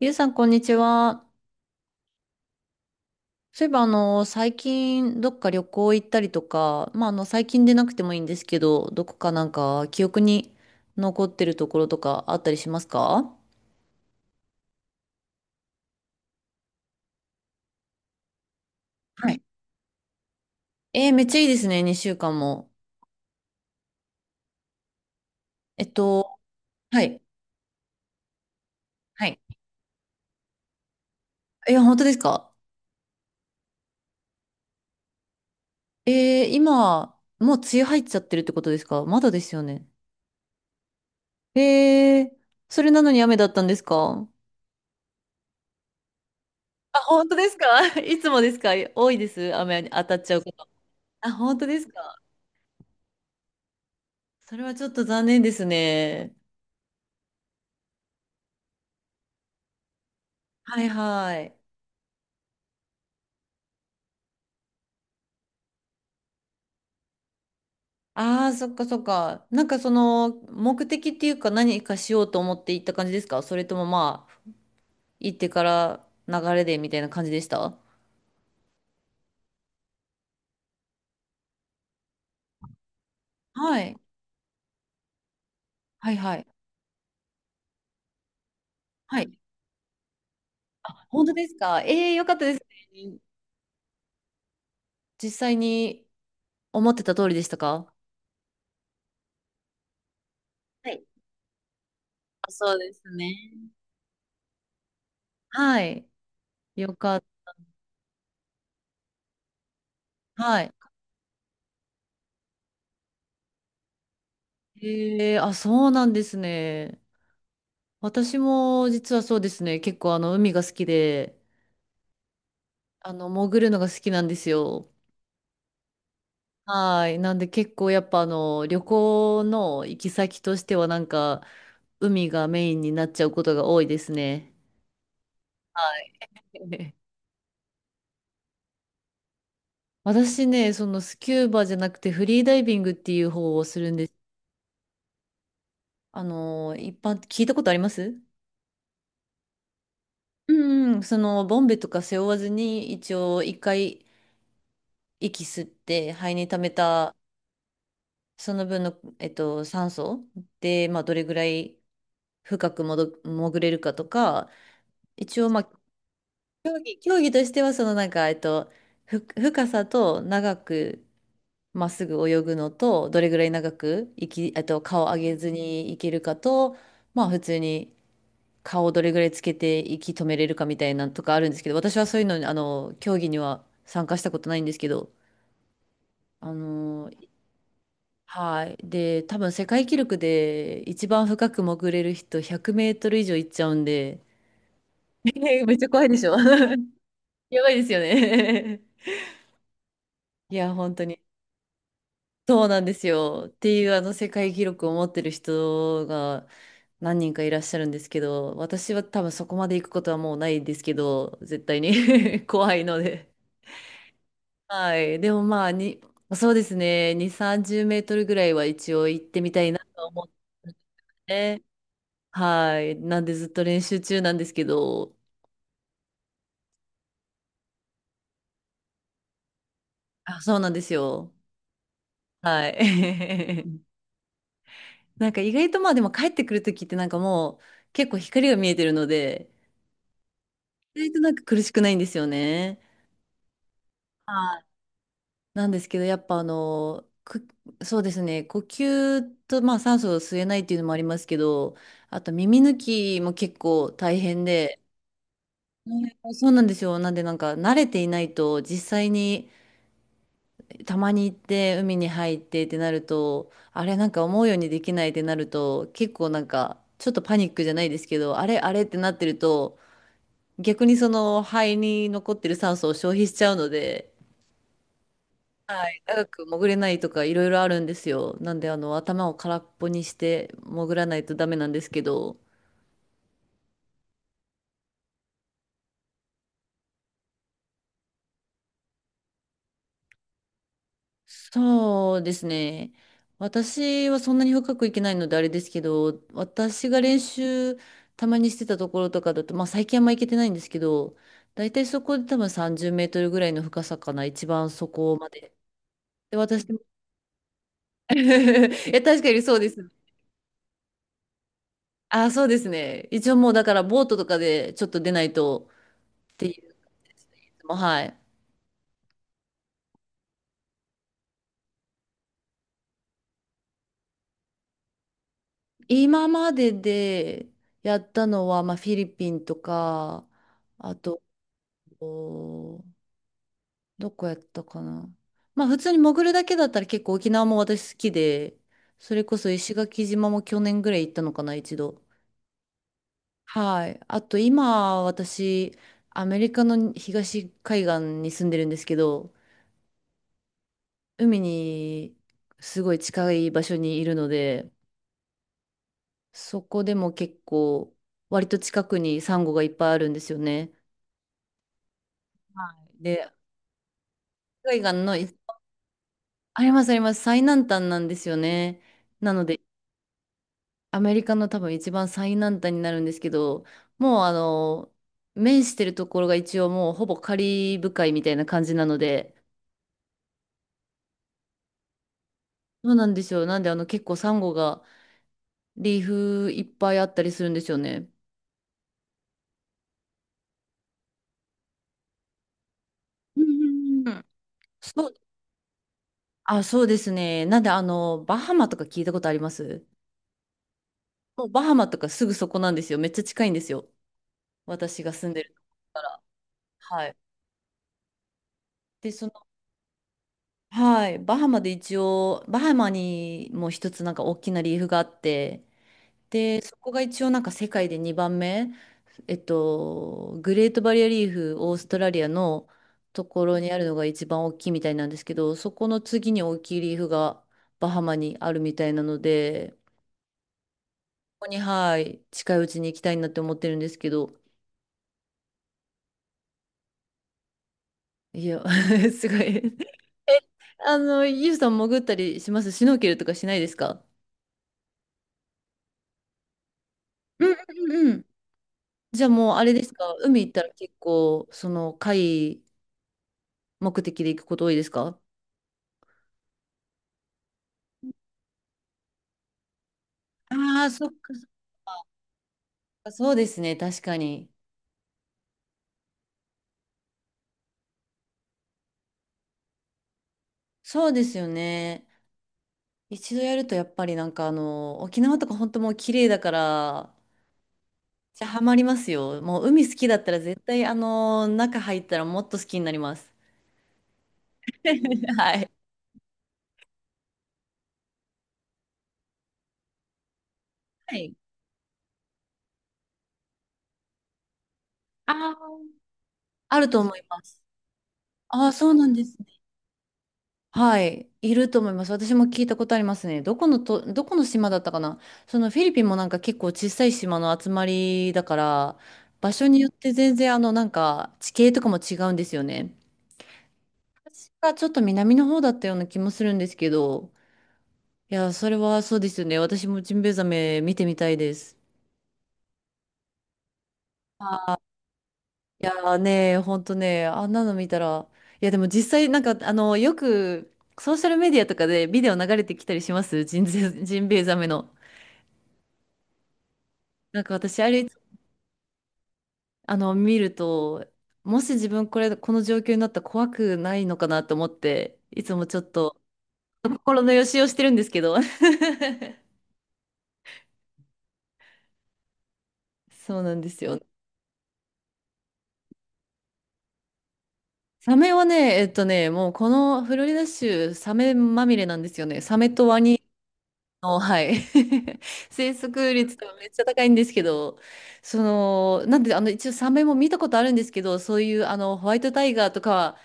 ゆうさん、こんにちは。そういえば、最近、どっか旅行行ったりとか、まあ、最近でなくてもいいんですけど、どこかなんか、記憶に残ってるところとかあったりしますか？はい。えー、めっちゃいいですね、2週間も。えっと、はい。はい。え、本当ですか？えー、今、もう梅雨入っちゃってるってことですか？まだですよね。えー、それなのに雨だったんですか？あ、本当ですか？ いつもですか？多いです、雨に当たっちゃうこと。あ、本当ですか？それはちょっと残念ですね。はいはい。ああ、そっかそっか。なんかその目的っていうか何かしようと思って行った感じですか？それともまあ、行ってから流れでみたいな感じでした？はい。はいはい。はい。本当ですか？ええー、よかったですね。実際に思ってた通りでしたか？はい、あ、そうですね。はい。よかった。はい。ええ、あ、そうなんですね。私も実はそうですね。結構海が好きで、潜るのが好きなんですよ。はい。なんで結構やっぱ旅行の行き先としてはなんか、海がメインになっちゃうことが多いですね。はい。私ね、そのスキューバじゃなくてフリーダイビングっていう方をするんです。一般、聞いたことあります？うんうん、そのボンベとか背負わずに一応一回息吸って肺に溜めたその分の、酸素で、まあ、どれぐらい深くも潜れるかとか一応、まあ、競技としては、そのなんか、深さと長くまっすぐ泳ぐのと、どれぐらい長くいき、えっと、顔上げずにいけるかと、まあ、普通に顔をどれぐらいつけて息止めれるかみたいなのとかあるんですけど、私はそういうのに、競技には参加したことないんですけど、あの、はい。で、多分世界記録で一番深く潜れる人100メートル以上行っちゃうんで、めっちゃ怖いでしょ？ やばいですよね？ いや、本当に。そうなんですよ。っていうあの世界記録を持ってる人が何人かいらっしゃるんですけど、私は多分そこまで行くことはもうないですけど、絶対に 怖いので。はい。でもまあ、そうですね。2、30メートルぐらいは一応行ってみたいなと思ってね。はい。なんでずっと練習中なんですけど、あ、そうなんですよ。はい。なんか意外とまあでも帰ってくるときってなんかもう結構光が見えてるので、意外となんか苦しくないんですよね。はい。なんですけど、やっぱそうですね、呼吸と、まあ、酸素を吸えないっていうのもありますけど、あと耳抜きも結構大変で、うん そうなんですよ。なんでなんか慣れていないと、実際にたまに行って海に入ってってなると、あれなんか思うようにできないってなると、結構なんかちょっとパニックじゃないですけど、あれあれってなってると、逆にその肺に残ってる酸素を消費しちゃうので、はい、長く潜れないとかいろいろあるんですよ。なんで頭を空っぽにして潜らないとダメなんですけど。そうですね。私はそんなに深くいけないのであれですけど、私が練習たまにしてたところとかだと、まあ最近あんま行けてないんですけど、だいたいそこで多分30メートルぐらいの深さかな、一番そこまで。で、私も、いや、確かにそうです。あ、そうですね。一応もうだからボートとかでちょっと出ないとっていうですね。いつも、はい。今まででやったのは、まあ、フィリピンとか、あと、おどこやったかな。まあ、普通に潜るだけだったら結構沖縄も私好きで、それこそ石垣島も去年ぐらい行ったのかな、一度。はい。あと、今、私、アメリカの東海岸に住んでるんですけど、海にすごい近い場所にいるので、そこでも結構、割と近くにサンゴがいっぱいあるんですよね。で、海岸の、ありますあります、最南端なんですよね。なので、アメリカの多分一番最南端になるんですけど、もう面してるところが一応もうほぼカリブ海みたいな感じなので、そうなんですよ。なんで結構サンゴがリーフいっぱいあったりするんですよね。うんうんうんうん、そう、あ、そうですね。なんでバハマとか聞いたことあります？もうバハマとかすぐそこなんですよ。めっちゃ近いんですよ。私が住んでるところから。はい。で、はい、バハマで一応、バハマにも一つなんか大きなリーフがあって、で、そこが一応なんか世界で2番目、グレートバリアリーフ、オーストラリアのところにあるのが一番大きいみたいなんですけど、そこの次に大きいリーフがバハマにあるみたいなので、ここに、はい、近いうちに行きたいなって思ってるんですけど、いや、すごい。ユウさん潜ったりします？シュノーケルとかしないですか？うんうんうん。じゃあもうあれですか、海行ったら結構、その海目的で行くこと多いですか？ああー、そっかそっか、そうですね、確かに。そうですよね。一度やるとやっぱりなんか沖縄とか本当もう綺麗だから、じゃあハマりますよ。もう海好きだったら絶対中入ったらもっと好きになります。はい。はい。あー、あると思います。ああ、そうなんですね。はい、いると思います。私も聞いたことありますね。どこの島だったかな。そのフィリピンもなんか結構小さい島の集まりだから、場所によって全然なんか地形とかも違うんですよね。私がちょっと南の方だったような気もするんですけど、いや、それはそうですよね。私もジンベエザメ見てみたいです。いやーね、ほんとね、あんなの見たら、いやでも実際なんかよくソーシャルメディアとかでビデオ流れてきたりします？ジンベエザメの。なんか私あれ見ると、もし自分この状況になったら怖くないのかなと思って、いつもちょっと心のよしをしてるんですけど。そうなんですよ。サメはね、もうこのフロリダ州、サメまみれなんですよね。サメとワニの、はい。生息率がめっちゃ高いんですけど、その、なんで、一応サメも見たことあるんですけど、そういう、ホワイトタイガーとかは、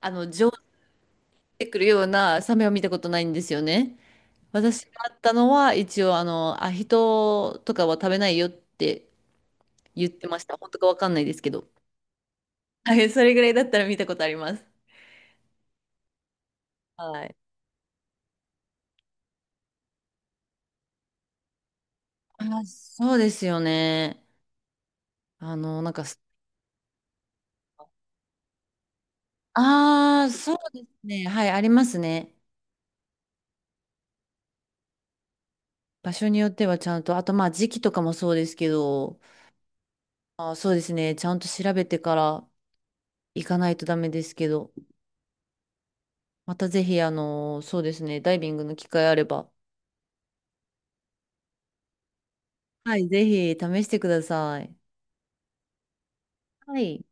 上手てくるようなサメは見たことないんですよね。私があったのは、一応、ヒトとかは食べないよって言ってました。本当かわかんないですけど。はい、それぐらいだったら見たことあります。はい。あ、そうですよね。なんか、ああ、そうですね。はい、ありますね。場所によってはちゃんと、あとまあ時期とかもそうですけど、あー、そうですね。ちゃんと調べてから行かないとダメですけど、またぜひ、そうですね。ダイビングの機会あれば、はい、ぜひ試してください。はい。